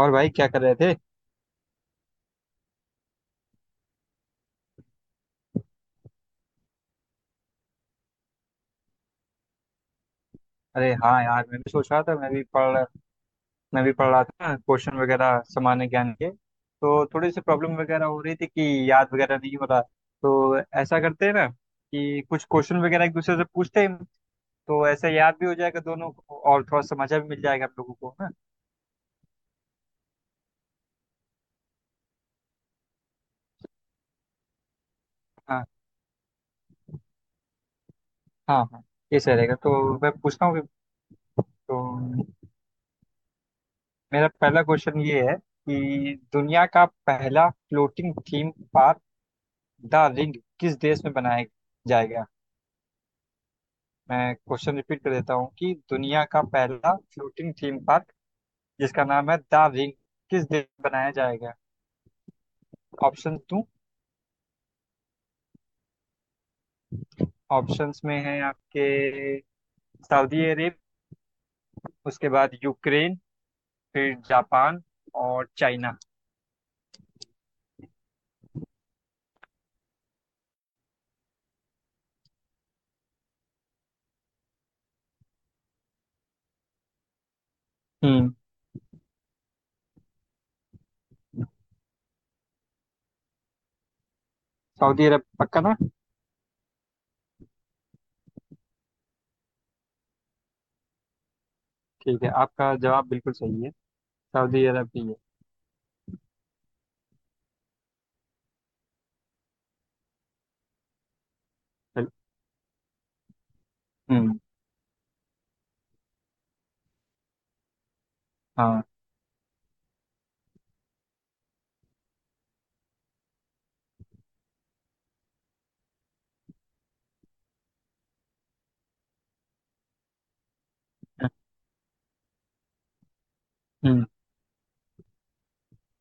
और भाई क्या कर रहे थे? अरे हाँ यार, मैं भी सोच रहा था। मैं भी पढ़ रहा था। क्वेश्चन वगैरह सामान्य ज्ञान के, तो थोड़ी सी प्रॉब्लम वगैरह हो रही थी कि याद वगैरह नहीं हो रहा। तो ऐसा करते हैं ना कि कुछ क्वेश्चन वगैरह एक दूसरे से पूछते हैं। तो ऐसे याद भी हो जाएगा दोनों को, और थोड़ा सा मजा भी मिल जाएगा हम लोगों को, है ना? हाँ, हाँ, हाँ। ये सही रहेगा, तो मैं पूछता हूँ तो मेरा पहला क्वेश्चन ये है कि दुनिया का पहला floating theme park the ring किस देश में बनाया जाएगा? मैं क्वेश्चन रिपीट कर देता हूँ कि दुनिया का पहला फ्लोटिंग थीम पार्क, जिसका नाम है द रिंग, किस देश में बनाया जाएगा? ऑप्शन दूं? ऑप्शंस में है आपके: सऊदी अरब, उसके बाद यूक्रेन, फिर जापान और चाइना। हम्म। सऊदी अरब पक्का ना? ठीक है, आपका जवाब बिल्कुल सही है। सऊदी अरब ही है। बिल- हम्म। हाँ। हम्म।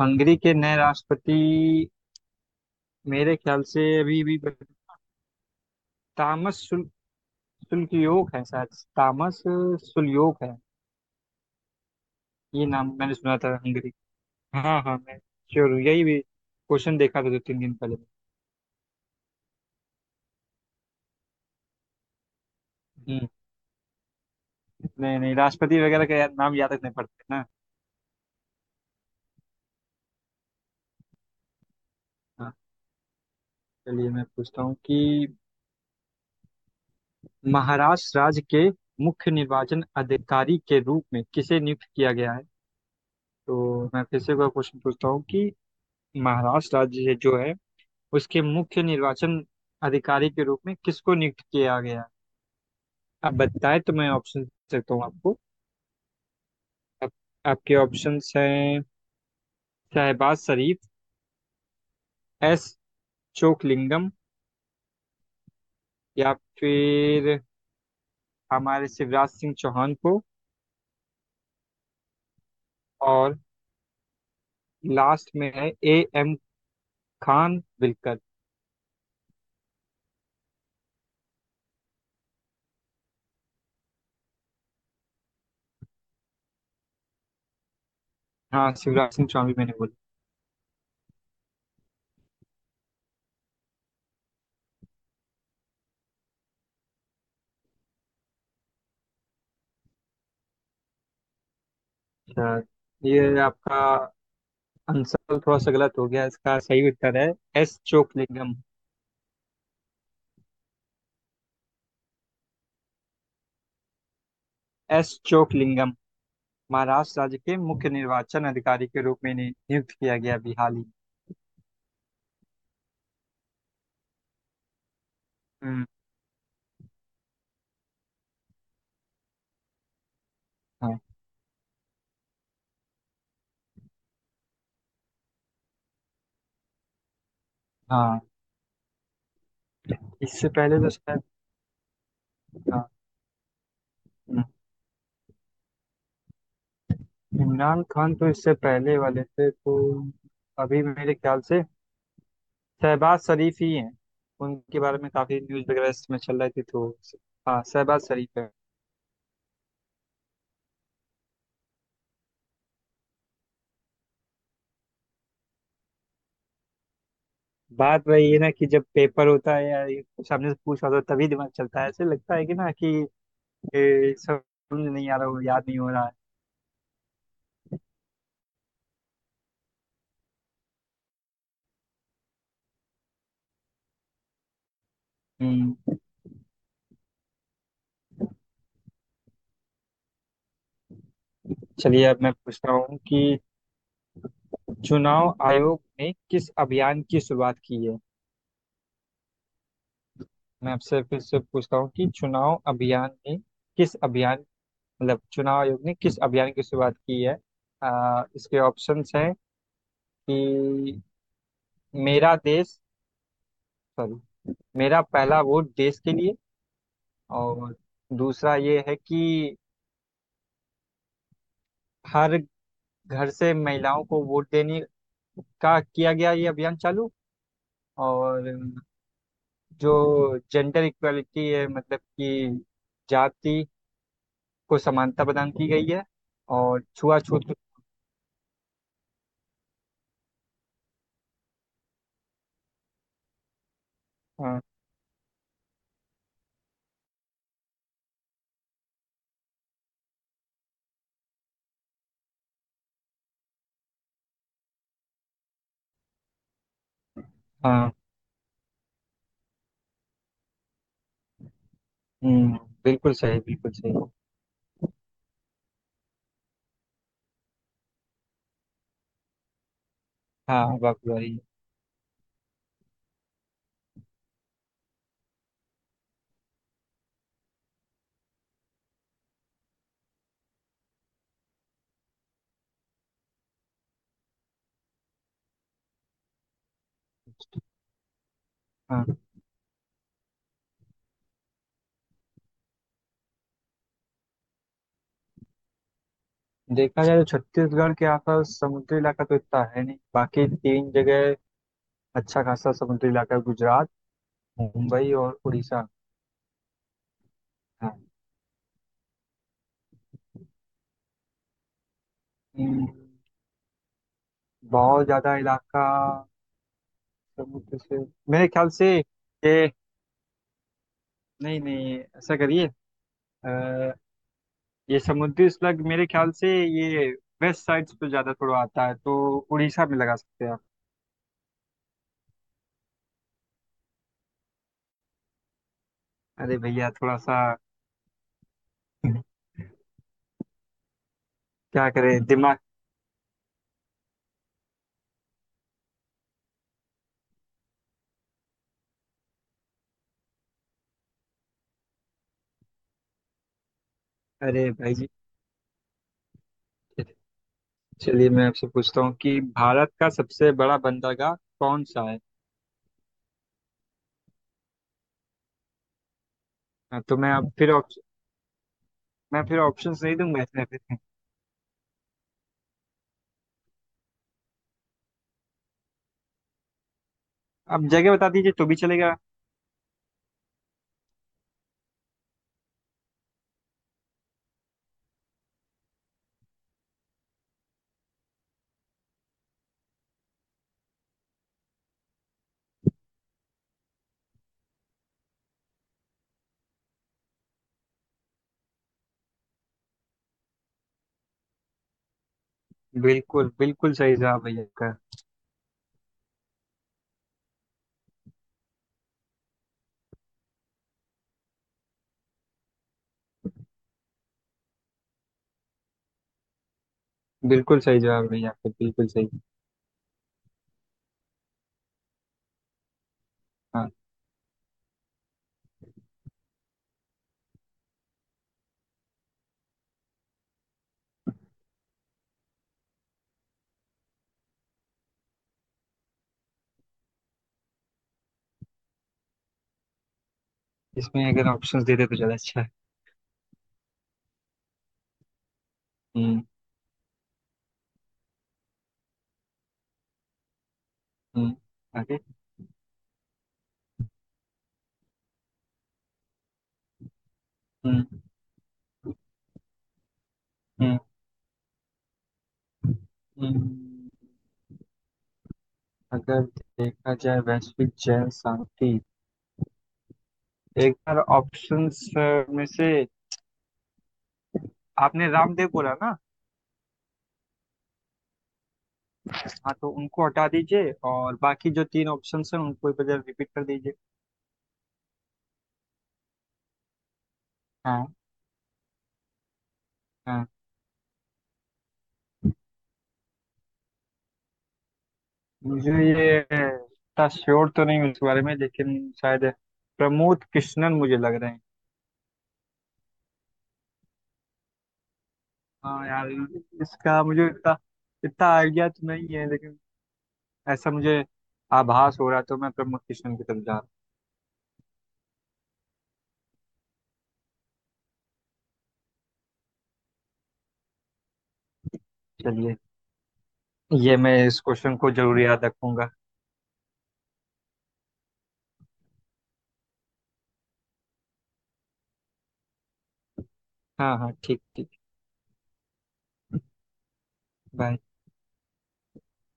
हंगरी के नए राष्ट्रपति मेरे ख्याल से अभी भी तामस सुल्कयोक है शायद। तामस सुल्योग है। ये नाम मैंने सुना था हंगरी। हाँ, हाँ, मैं श्योर हूँ। यही भी क्वेश्चन देखा था दो तीन दिन पहले। हम्म। नहीं, नहीं, राष्ट्रपति वगैरह का यार नाम याद रखने पड़ते हैं ना। हाँ। चलिए मैं पूछता हूँ कि महाराष्ट्र राज्य के मुख्य निर्वाचन अधिकारी के रूप में किसे नियुक्त किया गया है? तो मैं फिर से एक बार क्वेश्चन पूछता हूँ कि महाराष्ट्र राज्य है जो है, उसके मुख्य निर्वाचन अधिकारी के रूप में किसको नियुक्त किया गया है? अब बताए, तो मैं ऑप्शन दे सकता हूँ आपको। आप, आपके ऑप्शंस हैं: शहबाज शरीफ, एस चोकलिंगम, या फिर हमारे शिवराज सिंह चौहान को, और लास्ट में है ए एम खान विलकर। हाँ, शिवराज सिंह चौहान भी मैंने बोला। अच्छा, ये आपका आंसर थोड़ा सा गलत हो गया। इसका सही उत्तर है एस चोकलिंगम। एस चोकलिंगम महाराष्ट्र राज्य के मुख्य निर्वाचन अधिकारी के रूप में इन्हें नियुक्त किया गया अभी हाल ही में। हम्म। हाँ, हाँ। इससे पहले तो शायद। हाँ, इमरान खान तो इससे पहले वाले थे, तो अभी मेरे ख्याल से शहबाज शरीफ ही हैं। उनके बारे में काफी न्यूज वगैरह इसमें चल रही थी, तो हाँ, शहबाज शरीफ है। बात वही है ना कि जब पेपर होता है या ये कुछ सामने से पूछ रहा होता है, तभी दिमाग चलता है। ऐसे लगता है कि ना कि समझ नहीं आ रहा हो, याद नहीं हो रहा है। हम्म। चलिए, अब मैं पूछता हूँ कि चुनाव आयोग ने किस अभियान की शुरुआत की है? मैं आपसे फिर से पूछता हूँ कि चुनाव अभियान ने किस अभियान मतलब चुनाव आयोग ने किस अभियान की शुरुआत की है? इसके ऑप्शंस हैं कि मेरा देश सॉरी मेरा पहला वोट देश के लिए। और दूसरा ये है कि हर घर से महिलाओं को वोट देने का किया गया ये अभियान चालू। और जो जेंडर इक्वालिटी है, मतलब कि जाति को समानता प्रदान की गई है, और छुआछूत। हाँ, हाँ। हम्म, बिल्कुल सही, बिल्कुल सही। हाँ, बात हो रही है। हाँ, देखा जाए तो छत्तीसगढ़ के आसपास समुद्री इलाका तो इतना है नहीं, बाकी तीन जगह अच्छा खासा समुद्री इलाका है: गुजरात, मुंबई और उड़ीसा है। हम्म, बहुत ज्यादा इलाका समुद्र से मेरे ख्याल से ये... नहीं, नहीं, ऐसा करिए। अ, ये समुद्री स्लग मेरे ख्याल से ये वेस्ट साइड्स पे ज्यादा थोड़ा आता है, तो उड़ीसा में लगा सकते हैं आप। अरे भैया, थोड़ा सा क्या करें दिमाग। अरे भाई। जी, चलिए मैं आपसे पूछता हूँ कि भारत का सबसे बड़ा बंदरगाह कौन सा है? हाँ, तो मैं अब फिर मैं फिर ऑप्शंस नहीं दूंगा इसमें फिर। आप जगह बता दीजिए तो भी चलेगा। बिल्कुल, बिल्कुल सही जवाब भैया का। बिल्कुल सही जवाब भैया, आपका बिल्कुल सही। हाँ। इसमें अगर ऑप्शंस देते तो ज़्यादा अच्छा है। हम्म। हम्म। आगे। हम्म। हम्म। हम्म। अगर देखा जाए वैश्विक जल शांति, एक बार ऑप्शंस में से आपने रामदेव बोला ना? हाँ, तो उनको हटा दीजिए और बाकी जो तीन ऑप्शंस हैं उनको एक बार रिपीट कर दीजिए। हाँ। हाँ। मुझे ये इतना श्योर तो नहीं हूँ इस बारे में, लेकिन शायद प्रमोद कृष्णन मुझे लग रहे हैं। हाँ यार, इसका मुझे इतना इतना आइडिया तो नहीं है, लेकिन ऐसा मुझे आभास हो रहा है, तो मैं प्रमोद कृष्णन की तरफ जा रहा हूँ। चलिए, ये मैं इस क्वेश्चन को जरूर याद रखूंगा। हाँ, हाँ, ठीक, ठीक। बाय।